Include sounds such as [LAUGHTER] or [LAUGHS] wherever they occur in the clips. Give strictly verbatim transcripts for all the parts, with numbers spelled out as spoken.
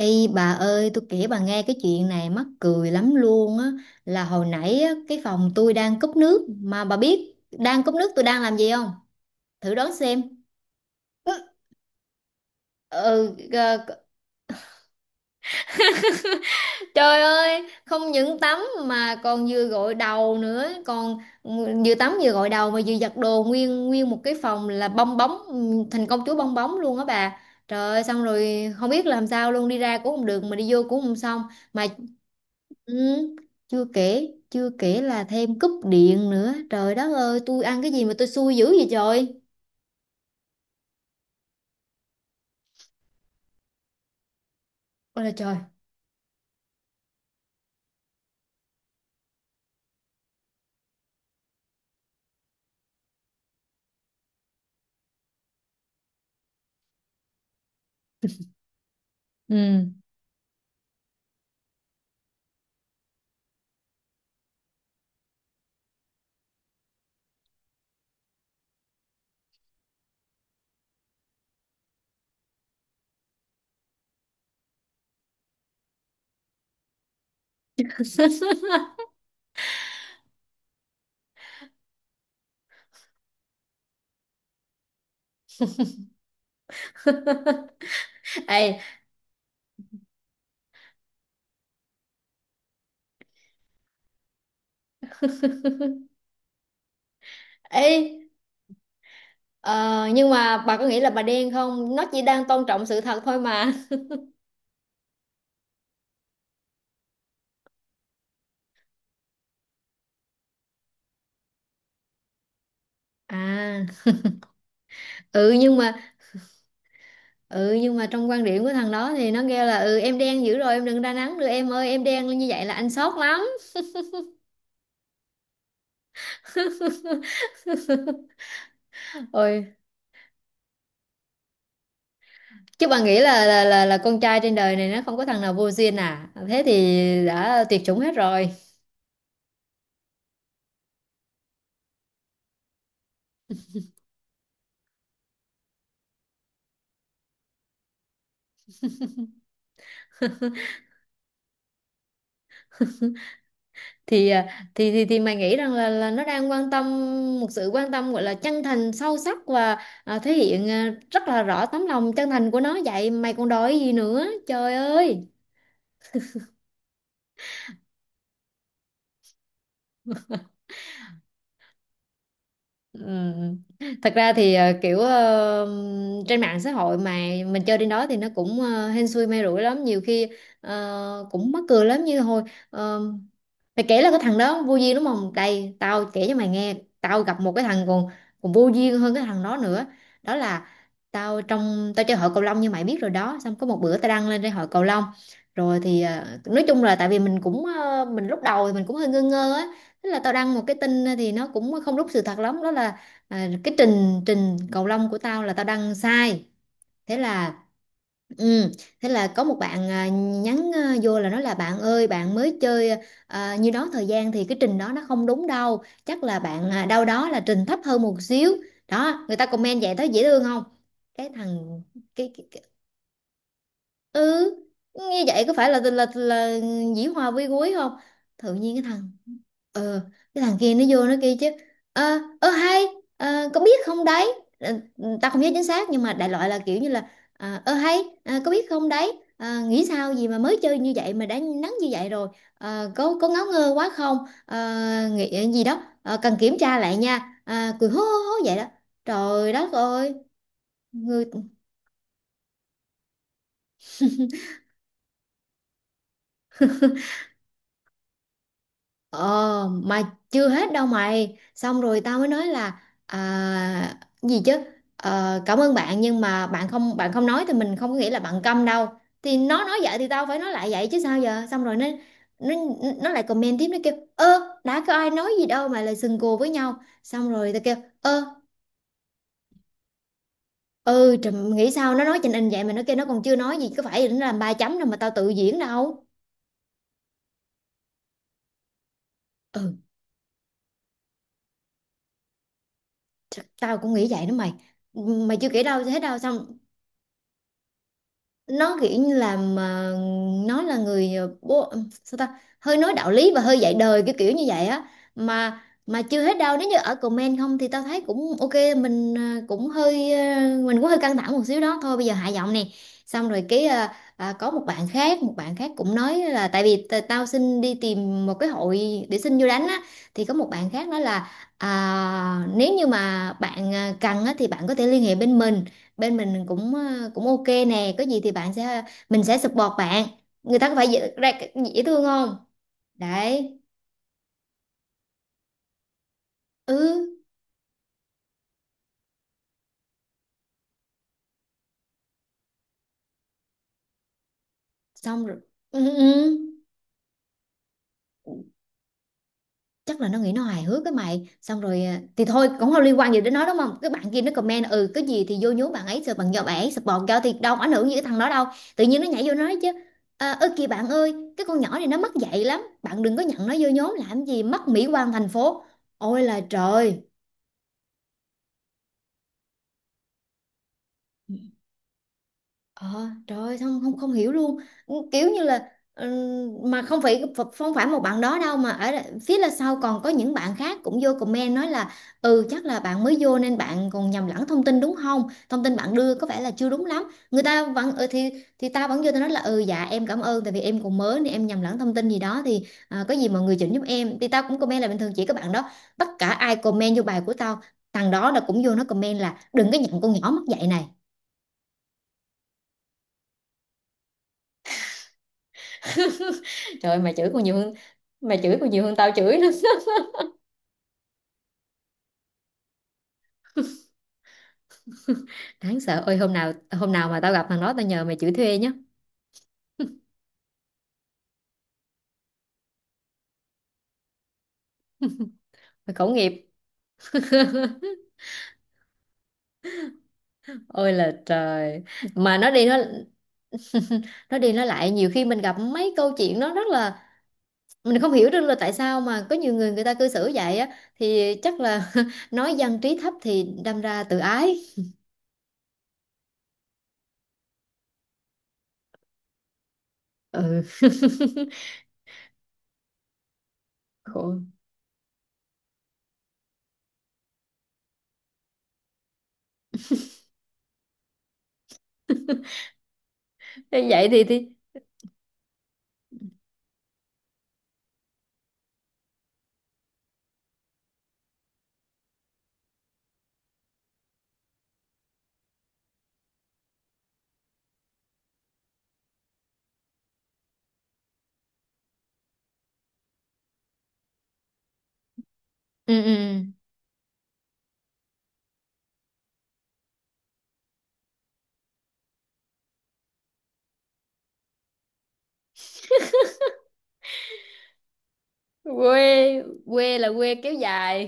Ê bà ơi, tôi kể bà nghe cái chuyện này mắc cười lắm luôn á. Là hồi nãy á, cái phòng tôi đang cúp nước mà bà biết đang cúp nước tôi đang làm gì không? Thử đoán xem. Ừ, ờ, trời ơi, không những tắm mà còn vừa gội đầu nữa, còn vừa tắm vừa gội đầu mà vừa giặt đồ, nguyên nguyên một cái phòng là bong bóng, ừ, thành công chúa bong bóng luôn á bà. Trời ơi, xong rồi không biết làm sao luôn, đi ra cũng không được mà đi vô cũng không xong mà. Ừ, Chưa kể, chưa kể là thêm cúp điện nữa. Trời đất ơi, tôi ăn cái gì mà tôi xui dữ vậy trời. Ôi là trời. Ừ. [LAUGHS] Ê, ê, ờ, nhưng mà bà có nghĩ là bà đen không? Nó chỉ đang tôn trọng sự thật thôi mà. [LAUGHS] À, ừ nhưng mà ừ nhưng mà trong quan điểm của thằng đó thì nó kêu là ừ em đen dữ rồi em đừng ra nắng nữa em ơi, em đen như vậy là anh sốt lắm. Ôi, chứ bà nghĩ là là là, là con trai trên đời này nó không có thằng nào vô duyên à? Thế thì đã tuyệt chủng hết rồi. Thì à, thì thì, thì mày nghĩ rằng là là nó đang quan tâm, một sự quan tâm gọi là chân thành sâu sắc và à, thể hiện à, rất là rõ tấm lòng chân thành của nó, vậy mày còn đòi gì nữa trời ơi. Ừ. Thật ra thì ờ, kiểu ờ, trên mạng xã hội mà mình chơi trên đó thì nó cũng ờ, hên xui may rủi lắm. Nhiều khi ờ, cũng mắc cười lắm, như hồi ờ, mày kể là cái thằng đó vô duyên đúng không, đây tao kể cho mày nghe. Tao gặp một cái thằng còn còn vô duyên hơn cái thằng đó nữa. Đó là tao trong tao chơi hội cầu lông như mày biết rồi đó, xong có một bữa tao đăng lên trên hội cầu lông, rồi thì ờ, nói chung là tại vì mình cũng ờ, mình lúc đầu thì mình cũng hơi ngơ ngơ á. Thế là tao đăng một cái tin, ờ, thì nó cũng không đúng sự thật lắm, đó là à, cái trình trình cầu lông của tao là tao đăng sai. Thế là ừ, thế là có một bạn à, nhắn à, vô là nói là bạn ơi, bạn mới chơi à, nhiêu đó thời gian thì cái trình đó nó không đúng đâu, chắc là bạn à, đâu đó là trình thấp hơn một xíu đó. Người ta comment vậy thấy dễ thương không? Cái thằng, cái, cái, cái ừ như vậy có phải là là là dĩ hòa vi quý không? Tự nhiên cái thằng ờ cái thằng kia nó vô nó kêu chứ ờ ờ hay, ờ, có biết không đấy. Ờ, ừ, tao không nhớ chính xác nhưng mà đại loại là kiểu như là ờ ờ, hay, ờ, có biết không đấy. Ờ, nghĩ sao gì mà mới chơi như vậy mà đã nắng như vậy rồi. Ờ, có có ngáo ngơ quá không. Ờ, Nghĩ ờ, gì đó. Ờ, Cần kiểm tra lại nha. Ờ, Cười hố hố hố vậy đó. Trời đất ơi, người. [LAUGHS] Ờ mà chưa hết đâu mày. Xong rồi tao mới nói là à, gì chứ, Ờ, cảm ơn bạn, nhưng mà bạn không bạn không nói thì mình không có nghĩ là bạn câm đâu. Thì nó nói vậy thì tao phải nói lại vậy chứ sao giờ. Xong rồi nó nó, nó lại comment tiếp. Nó kêu ơ, đã có ai nói gì đâu mà lại sừng cù với nhau. Xong rồi tao kêu ơ, ừ trùm, nghĩ sao nó nói trình in vậy mà nó kêu nó còn chưa nói gì, có phải nó làm ba chấm đâu mà tao tự diễn đâu. Ừ, chắc tao cũng nghĩ vậy đó mày. Mày chưa kể đâu hết đâu. Xong nó kiểu như là mà nó là người, ờ, bố sao ta, hơi nói đạo lý và hơi dạy đời kiểu kiểu như vậy á. mà mà chưa hết đâu, nếu như ở comment không thì tao thấy cũng ok, mình ờ, cũng hơi ờ, mình cũng hơi căng thẳng một xíu đó thôi, bây giờ hạ giọng nè. Xong rồi cái ờ, à, có một bạn khác, một bạn khác cũng nói là tại vì t- tao xin đi tìm một cái hội để xin vô đánh á, thì có một bạn khác nói là à, nếu như mà bạn ờ, cần á, thì bạn có thể liên hệ bên mình, bên mình cũng ờ, cũng ok nè, có gì thì bạn sẽ mình sẽ support bạn. Người ta có phải dễ, ra- dễ thương không? Đấy. Ừ. Xong rồi ừ, ừ. ừ. chắc là nó nghĩ nó hài hước cái mày. Xong rồi ờ, thì thôi cũng không liên quan gì đến nó đúng không, cái bạn kia nó comment ừ cái gì thì vô nhố bạn ấy rồi, bạn do bạn ấy support cho, thì đâu có ảnh hưởng gì cái thằng đó đâu. Tự nhiên nó nhảy vô nói chứ à, ơ kìa bạn ơi, cái con nhỏ này nó mất dạy lắm, bạn đừng có nhận nó vô nhóm làm gì mất mỹ quan thành phố. Ôi là trời. Ờ, trời ơi, không không không hiểu luôn. Ừ, kiểu như là ừm, mà không phải, không phải một bạn đó đâu, mà ở đ- phía là sau còn có những bạn khác cũng vô comment nói là ừ chắc là bạn mới vô nên bạn còn nhầm lẫn thông tin đúng không, thông tin bạn đưa có vẻ là chưa đúng lắm. Người ta vẫn ừ, thì thì tao vẫn vô tao nói là ừ dạ em cảm ơn, tại vì em còn mới nên em nhầm lẫn thông tin gì đó thì à, có gì mọi người chỉnh giúp em, thì tao cũng comment là bình thường chỉ các bạn đó, tất cả ai comment vô bài của tao. Thằng đó là cũng vô nó comment là đừng có nhận con nhỏ mất dạy này. [LAUGHS] Trời ơi, mày chửi còn nhiều hơn, mày chửi còn nhiều hơn tao chửi nữa. [LAUGHS] Đáng sợ. Ôi hôm nào, hôm nào mà tao gặp thằng đó tao nhờ mày chửi thuê nhé. Mày khẩu nghiệp. [LAUGHS] Ôi là trời. Mà nó đi nó nó đi nó lại, nhiều khi mình gặp mấy câu chuyện nó rất là, mình không hiểu được là tại sao mà có nhiều người người ta cư xử vậy á, thì chắc là [LAUGHS] nói dân trí thấp thì đâm ra tự ái. Ừ. [LAUGHS] Khổ. Thế vậy thì thì ừ ừ, quê, quê là quê kéo dài.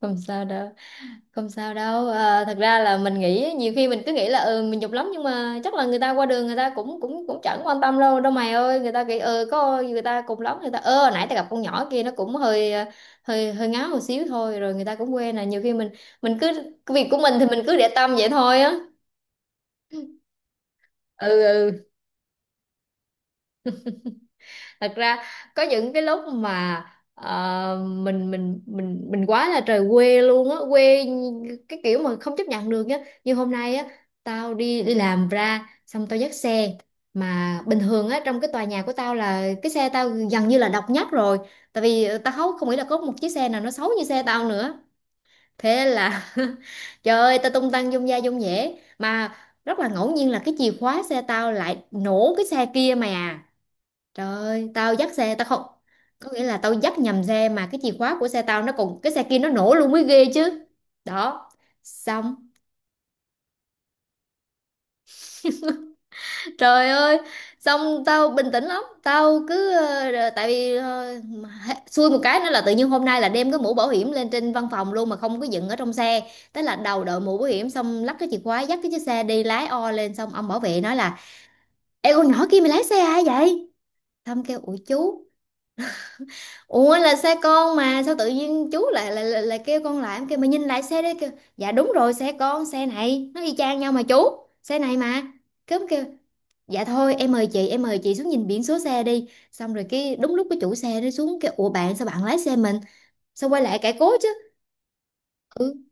Không sao đâu, không sao đâu, à, thật ra là mình nghĩ nhiều khi mình cứ nghĩ là ừ, mình nhục lắm, nhưng mà chắc là người ta qua đường người ta cũng cũng cũng chẳng quan tâm đâu đâu mày ơi. Người ta nghĩ ờ có, người ta cùng lắm người ta ơ nãy ta gặp con nhỏ kia nó cũng hơi ờ, hơi hơi ngáo một xíu thôi, rồi người ta cũng quên. Là nhiều khi mình mình cứ cái việc của mình thì mình cứ để tâm vậy thôi á. Ừ ừ. Thật ra có những cái lúc mà ờ, mình mình mình mình quá là trời quê luôn á, quê cái kiểu mà không chấp nhận được á. Như hôm nay á, tao đi đi làm ra xong tao dắt xe, mà bình thường á trong cái tòa nhà của tao là cái xe tao gần như là độc nhất rồi, tại vì tao hấu- không nghĩ là có một chiếc xe nào nó xấu như xe tao nữa. Thế là [LAUGHS] trời ơi tao tung tăng dung da dung dẻ mà, rất là ngẫu nhiên là cái chìa khóa xe tao lại nổ cái xe kia mày à. Trời ơi, tao dắt xe tao, không có nghĩa là tao dắt nhầm xe mà cái chìa khóa của xe tao nó còn cái xe kia nó nổ luôn mới ghê chứ. Đó. Xong, trời ơi, xong tao bình tĩnh lắm, tao cứ ờ, tại vì ờ, mà- xui một cái nữa là tự nhiên hôm nay là đem cái mũ bảo hiểm lên trên văn phòng luôn mà không có dựng ở trong xe. Thế là đầu đội mũ bảo hiểm, xong lắc cái chìa khóa dắt cái chiếc xe đi lái o lên, xong ông bảo vệ nói là "Ê con nhỏ kia mày lái xe ai vậy?" Xong kêu "Ủa chú, ủa là xe con mà sao tự nhiên chú lại lại lại, lại kêu con". Lại em kêu mà nhìn lại xe đấy kêu "dạ đúng rồi xe con, xe này nó y chang nhau mà chú, xe này mà". Cứ kêu "dạ thôi em mời chị, em mời chị xuống nhìn biển số xe đi". Xong rồi cái đúng lúc cái chủ xe nó xuống kêu "ủa bạn sao bạn lái xe mình". Sao quay lại cãi cố chứ. Ừ.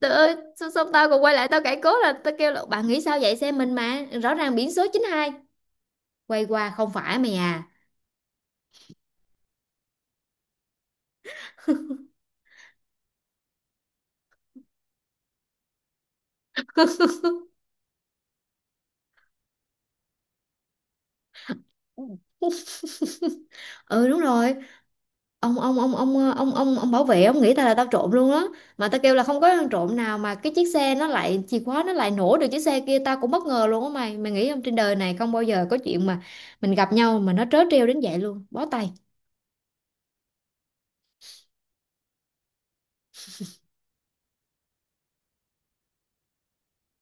Trời ơi, sao, sao tao còn quay lại tao cãi cố, là tao kêu là bạn nghĩ sao vậy xe mình mà, rõ ràng biển số chín hai, quay qua không phải mày à. Ừ đúng rồi. Ông ông ông ông ờ, ông ông ông bảo vệ ông nghĩ tao là tao trộm luôn á, mà tao kêu là không có ăn trộm nào mà cái chiếc xe nó lại chìa khóa nó lại nổ được chiếc xe kia, tao cũng bất ngờ luôn á mày. Mày nghĩ không, trên đời này không bao giờ có chuyện mà mình gặp nhau mà nó trớ trêu đến vậy luôn, bó tay.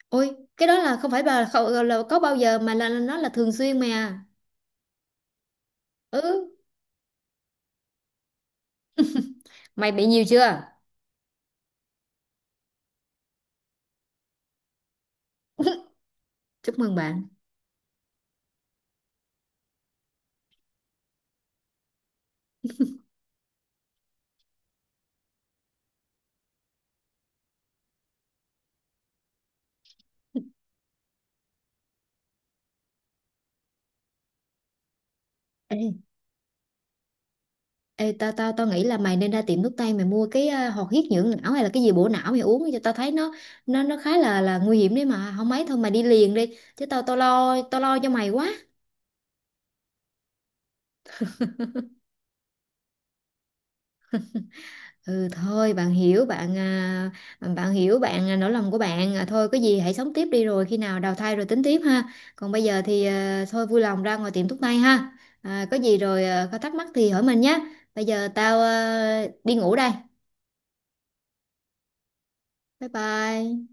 Ôi cái đó là không phải bà không, ờ, là có bao giờ mà là là nó là thường xuyên mày à. Ừ. Mày bị nhiều chưa? Chúc mừng bạn. Ê, Ê, tao tao tao nghĩ là mày nên ra tiệm thuốc tây mày mua cái ờ, hoạt huyết dưỡng não hay là cái gì bổ não mày uống cho tao thấy, nó nó nó khá là là nguy hiểm đấy, mà không mấy thôi mày đi liền đi chứ tao, tao lo tao lo cho mày quá. Ừ thôi, bạn hiểu bạn à, bạn hiểu bạn à, nỗi lòng của bạn à, thôi có gì hãy sống tiếp đi, rồi khi nào đào thai rồi tính tiếp ha. Còn bây giờ thì ờ, thôi vui lòng ra ngoài tiệm thuốc tây ha. À, có gì rồi ờ, có thắc mắc thì hỏi mình nhé. Bây giờ tao ờ, đi ngủ đây. Bye bye.